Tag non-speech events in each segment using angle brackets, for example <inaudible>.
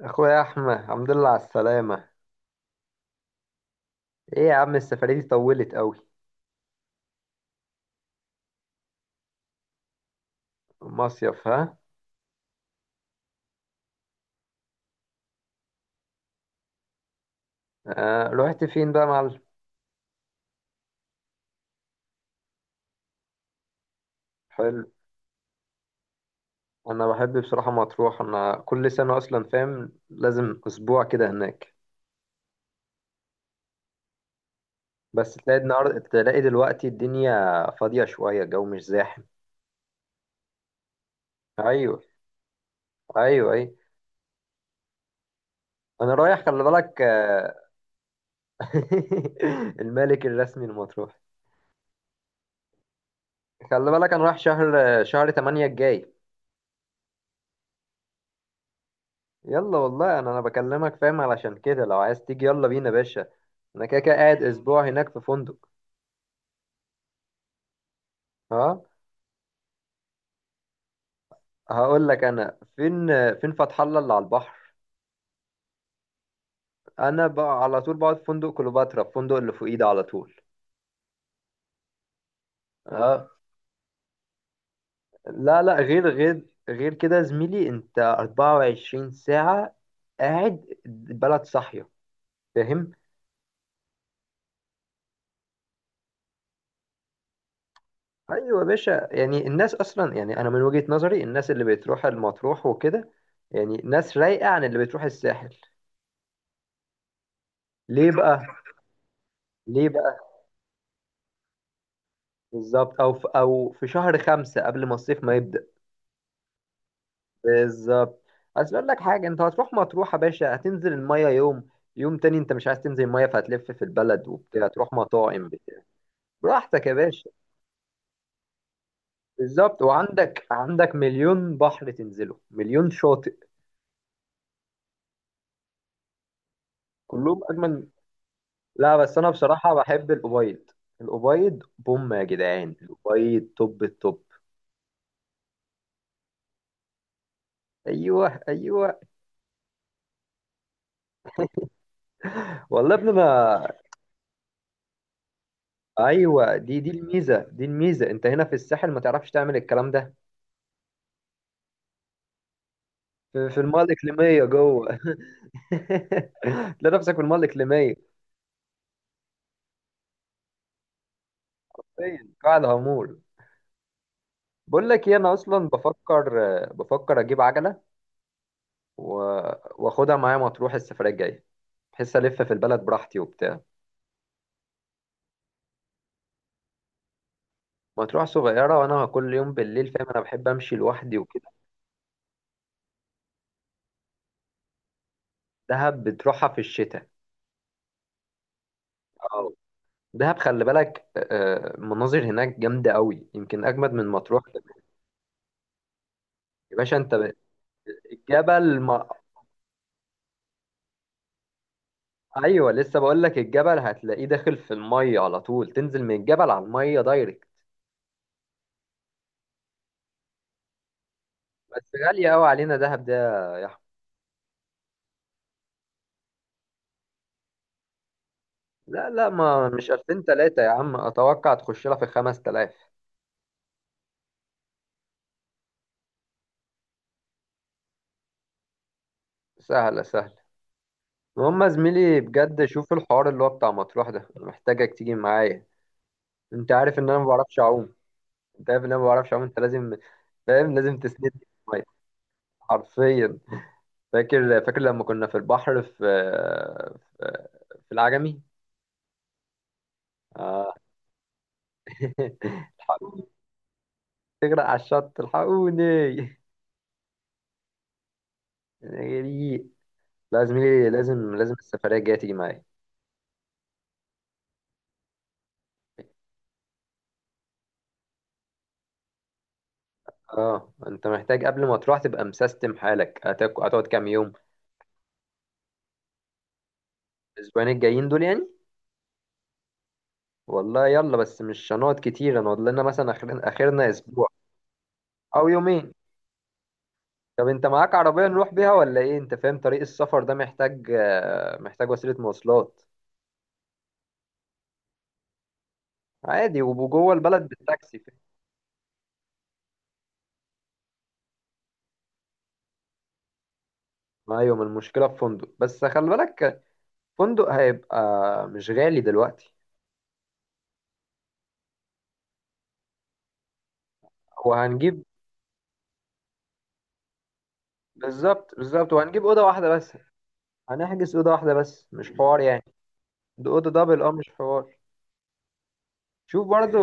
اخويا احمد، الحمد لله على السلامه. ايه يا عم، السفريه دي طولت قوي؟ مصيف؟ ها. آه، رحت فين بقى يا معلم؟ حلو. انا بحب بصراحه مطروح، انا كل سنه اصلا فاهم لازم اسبوع كده هناك. بس تلاقي النهارده، تلاقي دلوقتي الدنيا فاضيه شويه، الجو مش زاحم. ايوه، ايوه، ايوه. انا رايح، خلي بالك. <laughs> الملك الرسمي لمطروح. خلي بالك، انا رايح شهر 8 الجاي. يلا والله، انا بكلمك فاهم، علشان كده لو عايز تيجي يلا بينا يا باشا. انا كده كده قاعد اسبوع هناك في فندق. ها؟ هقول لك انا فين فتح الله اللي على البحر. انا بقى على طول بقعد في فندق كليوباترا، في فندق اللي فوقيه ده على طول. ها. لا، غير كده يا زميلي، انت 24 ساعة قاعد، البلد صاحية، فاهم؟ ايوه يا باشا، يعني الناس اصلا، يعني انا من وجهة نظري، الناس اللي بتروح المطروح وكده يعني ناس رايقة عن اللي بتروح الساحل. ليه بقى؟ ليه بقى؟ بالظبط، او في شهر 5 قبل ما الصيف ما يبدأ. بالظبط. عايز اقول لك حاجة، انت هتروح مطروح يا باشا، هتنزل المية يوم. يوم تاني انت مش عايز تنزل المية، فهتلف في البلد وبتاع، تروح مطاعم بتاع براحتك يا باشا. بالظبط، وعندك عندك مليون بحر تنزله، مليون شاطئ. كلهم اجمل. لا بس انا بصراحة بحب الأبيض. الأبيض بوم يا جدعان، الأبيض توب التوب. ايوه، ايوه. والله يا ابني انا، ايوه دي الميزه. انت هنا في الساحل ما تعرفش تعمل الكلام ده. في الميه الاقليميه جوه. <laughs> تلاقي نفسك في الميه الاقليميه. فين قاع الهامور؟ بقول لك ايه، انا اصلا بفكر اجيب عجله و... واخدها معايا مطروح السفريه الجايه، بحيث الف في البلد براحتي وبتاع. مطروح صغيره وانا كل يوم بالليل فاهم انا بحب امشي لوحدي وكده. دهب بتروحها في الشتاء. اه. دهب خلي بالك. مناظر هناك جامده قوي، يمكن اجمد من مطروح. يا باشا انت، الجبل ما. ايوه لسه بقول لك، الجبل هتلاقيه داخل في الميه على طول، تنزل من الجبل على الميه دايركت. بس غاليه قوي علينا دهب ده. يا احمد، لا، ما مش 2000 3 يا عم، اتوقع تخش لها في 5000. سهله سهله. المهم يا زميلي بجد، شوف الحوار اللي هو بتاع مطروح ده، أنا محتاجك تيجي معايا. انت عارف ان انا ما بعرفش اعوم. انت عارف ان انا ما بعرفش اعوم، انت لازم، فاهم لازم تسندني في المية. حرفيا. فاكر لما كنا في البحر في في العجمي. آه، <laughs> الحقوني، تغرق على الشط الحقوني. أنا جريء. لا زميلي، لازم السفرية الجاية تيجي معايا. اه انت محتاج قبل ما تروح تبقى مسيستم حالك. هتقعد كام يوم؟ الاسبوعين الجايين دول يعني. والله يلا، بس مش هنقعد كتير، هنقعد لنا مثلا اخرنا اسبوع او يومين. طب انت معاك عربية نروح بيها ولا ايه؟ انت فاهم طريق السفر ده محتاج، محتاج وسيلة مواصلات. عادي، وجوه البلد بالتاكسي فاهم؟ ايوه، ما المشكلة في فندق، بس خلي بالك فندق هيبقى مش غالي دلوقتي. وهنجيب. بالظبط بالظبط، وهنجيب أوضة واحدة بس، هنحجز أوضة واحدة بس، مش حوار يعني. ده أوضة دبل، أه مش حوار. شوف برضو،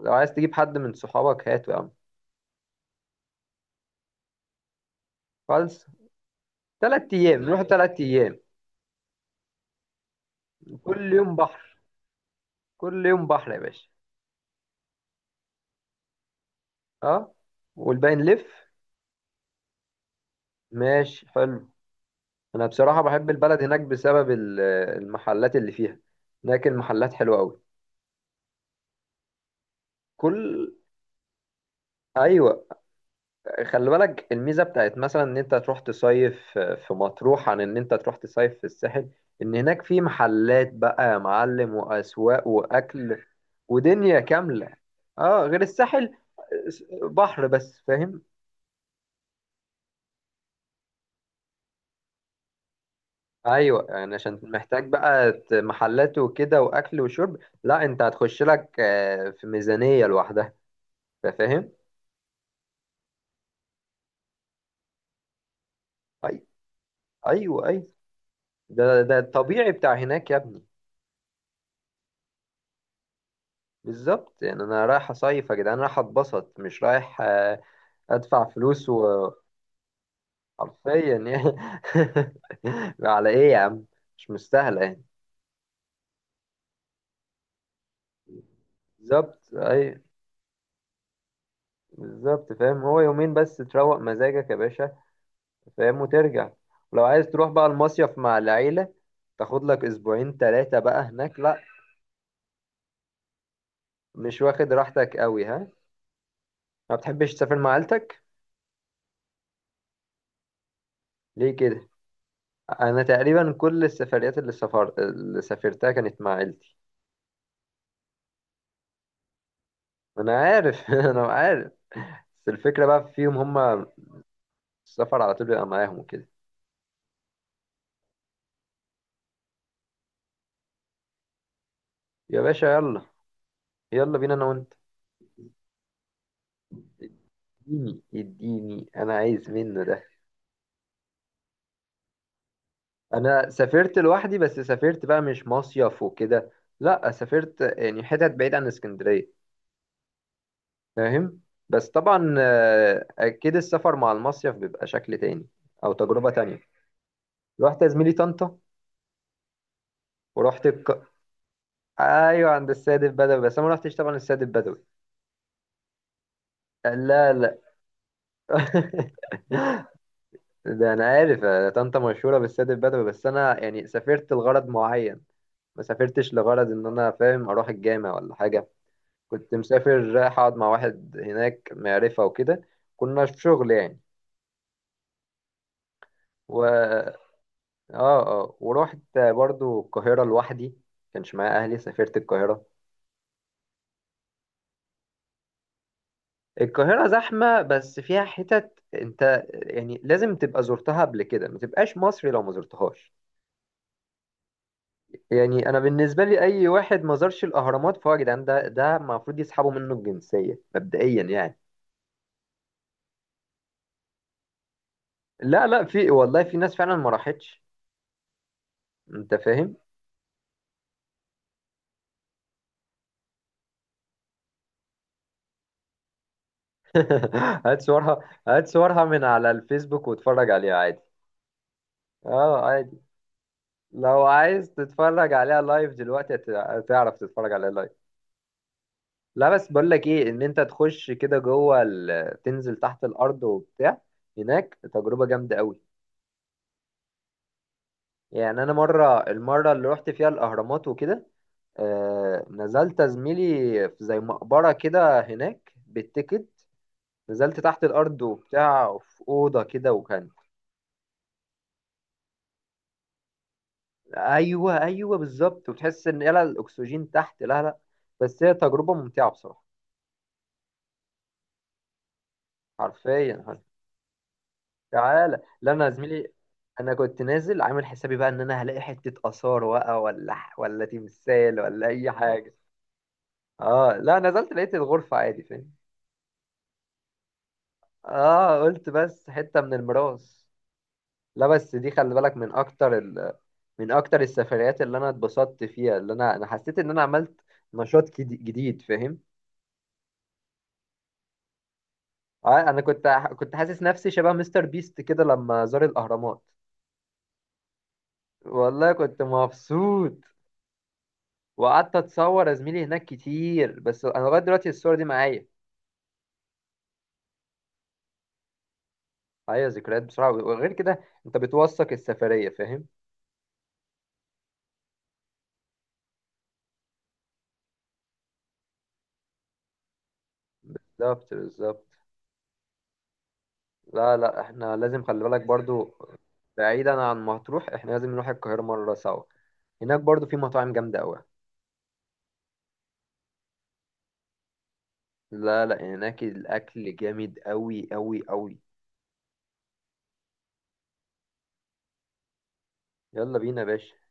لو عايز تجيب حد من صحابك هاته يا عم. خالص. تلات أيام نروح، 3 أيام، كل يوم بحر. كل يوم بحر يا باشا. أه، والباقي نلف. ماشي حلو. أنا بصراحة بحب البلد هناك بسبب المحلات اللي فيها. هناك المحلات حلوة أوي. كل أيوة، خلي بالك الميزه بتاعت مثلا ان انت تروح تصيف في مطروح عن ان انت تروح تصيف في الساحل، ان هناك في محلات بقى يا معلم، واسواق واكل ودنيا كامله. اه غير الساحل، بحر بس فاهم. ايوه، يعني عشان محتاج بقى محلات وكده، واكل وشرب. لا، انت هتخش لك في ميزانيه لوحدها. فاهم. أي- ايوه، ايوه. ده الطبيعي بتاع هناك يا ابني. بالظبط يعني، انا رايح اصيف يا جدعان، رايح اتبسط، مش رايح ادفع فلوس، وحرفيا يعني. <laughs> على ايه يا عم؟ مش مستاهله يعني. بالظبط، اي بالظبط، فاهم، هو يومين بس تروق مزاجك يا باشا، فاهم، وترجع. ولو عايز تروح بقى المصيف مع العيله، تاخد لك اسبوعين ثلاثه بقى هناك. لا، مش واخد راحتك قوي؟ ها. ما بتحبش تسافر مع عيلتك. ليه كده؟ انا تقريبا كل السفريات اللي سافرتها كانت مع عيلتي. انا عارف، <laughs> انا عارف. بس الفكره بقى فيهم هم، السفر على طول بيبقى معاهم وكده. يا باشا يلا، يلا بينا انا وانت. اديني اديني، انا عايز منه ده. انا سافرت لوحدي، بس سافرت بقى مش مصيف وكده. لا سافرت، يعني حتت بعيد عن اسكندريه، فاهم. بس طبعا اكيد السفر مع المصيف بيبقى شكل تاني، او تجربه تانية. رحت يا زميلي طنطا، ورحت الك... ايوه عند السيد البدوي، بس انا ما رحتش طبعا السيد البدوي. لا، لا. <laughs> ده انا عارف، طنطا مشهوره بالسد البدوي، بس انا يعني سافرت لغرض معين، ما سافرتش لغرض ان انا فاهم اروح الجامع ولا حاجه. كنت مسافر رايح اقعد مع واحد هناك معرفه وكده، كنا في شغل يعني. و اه اه ورحت برضو القاهره لوحدي، كانش معايا اهلي، سافرت القاهره. القاهره زحمه، بس فيها حتت انت يعني لازم تبقى زرتها قبل كده، ما تبقاش مصري لو ما زرتهاش. يعني انا بالنسبه لي اي واحد ما زارش الاهرامات، فهو يا جدعان ده المفروض يسحبوا منه الجنسيه مبدئيا يعني. لا لا، في والله في ناس فعلا ما راحتش. انت فاهم. <laughs> هات صورها، هات صورها من على الفيسبوك واتفرج عليها عادي. اه عادي. لو عايز تتفرج عليها لايف دلوقتي، هتعرف تتفرج عليها لايف. لا بس بقول لك ايه، ان انت تخش كده جوه تنزل تحت الارض وبتاع، هناك تجربه جامده قوي. يعني انا مره، اللي رحت فيها الاهرامات وكده، نزلت يا زميلي، في زي مقبرة كده هناك بالتيكت. نزلت تحت الأرض وبتاع، في أوضة كده وكان. أيوه، أيوه بالظبط، وتحس إن يلا الأكسجين تحت. لا لا، بس هي تجربة ممتعة بصراحة. حرفيا. تعالى لا أنا يا زميلي، أنا كنت نازل عامل حسابي بقى إن أنا هلاقي حتة آثار بقى، ولا تمثال، ولا أي حاجة. اه لا، نزلت لقيت الغرفة عادي فاهم. اه قلت بس حتة من الميراث. لا بس دي خلي بالك من اكتر من اكتر السفريات اللي انا اتبسطت فيها، اللي انا حسيت ان انا عملت نشاط جديد فاهم. انا كنت كنت حاسس نفسي شبه مستر بيست كده لما زار الاهرامات. والله كنت مبسوط. وقعدت اتصور يا زميلي هناك كتير، بس انا لغايه دلوقتي الصور دي معايا. معايا ذكريات بسرعه، وغير كده انت بتوثق السفريه فاهم. بالظبط بالظبط. لا لا، احنا لازم خلي بالك برضو، بعيدا عن مطروح، احنا لازم نروح القاهرة مرة سوا، هناك برضو في مطاعم جامدة أوي. لا لا، هناك الأكل جامد أوي أوي أوي. يلا بينا يا باشا.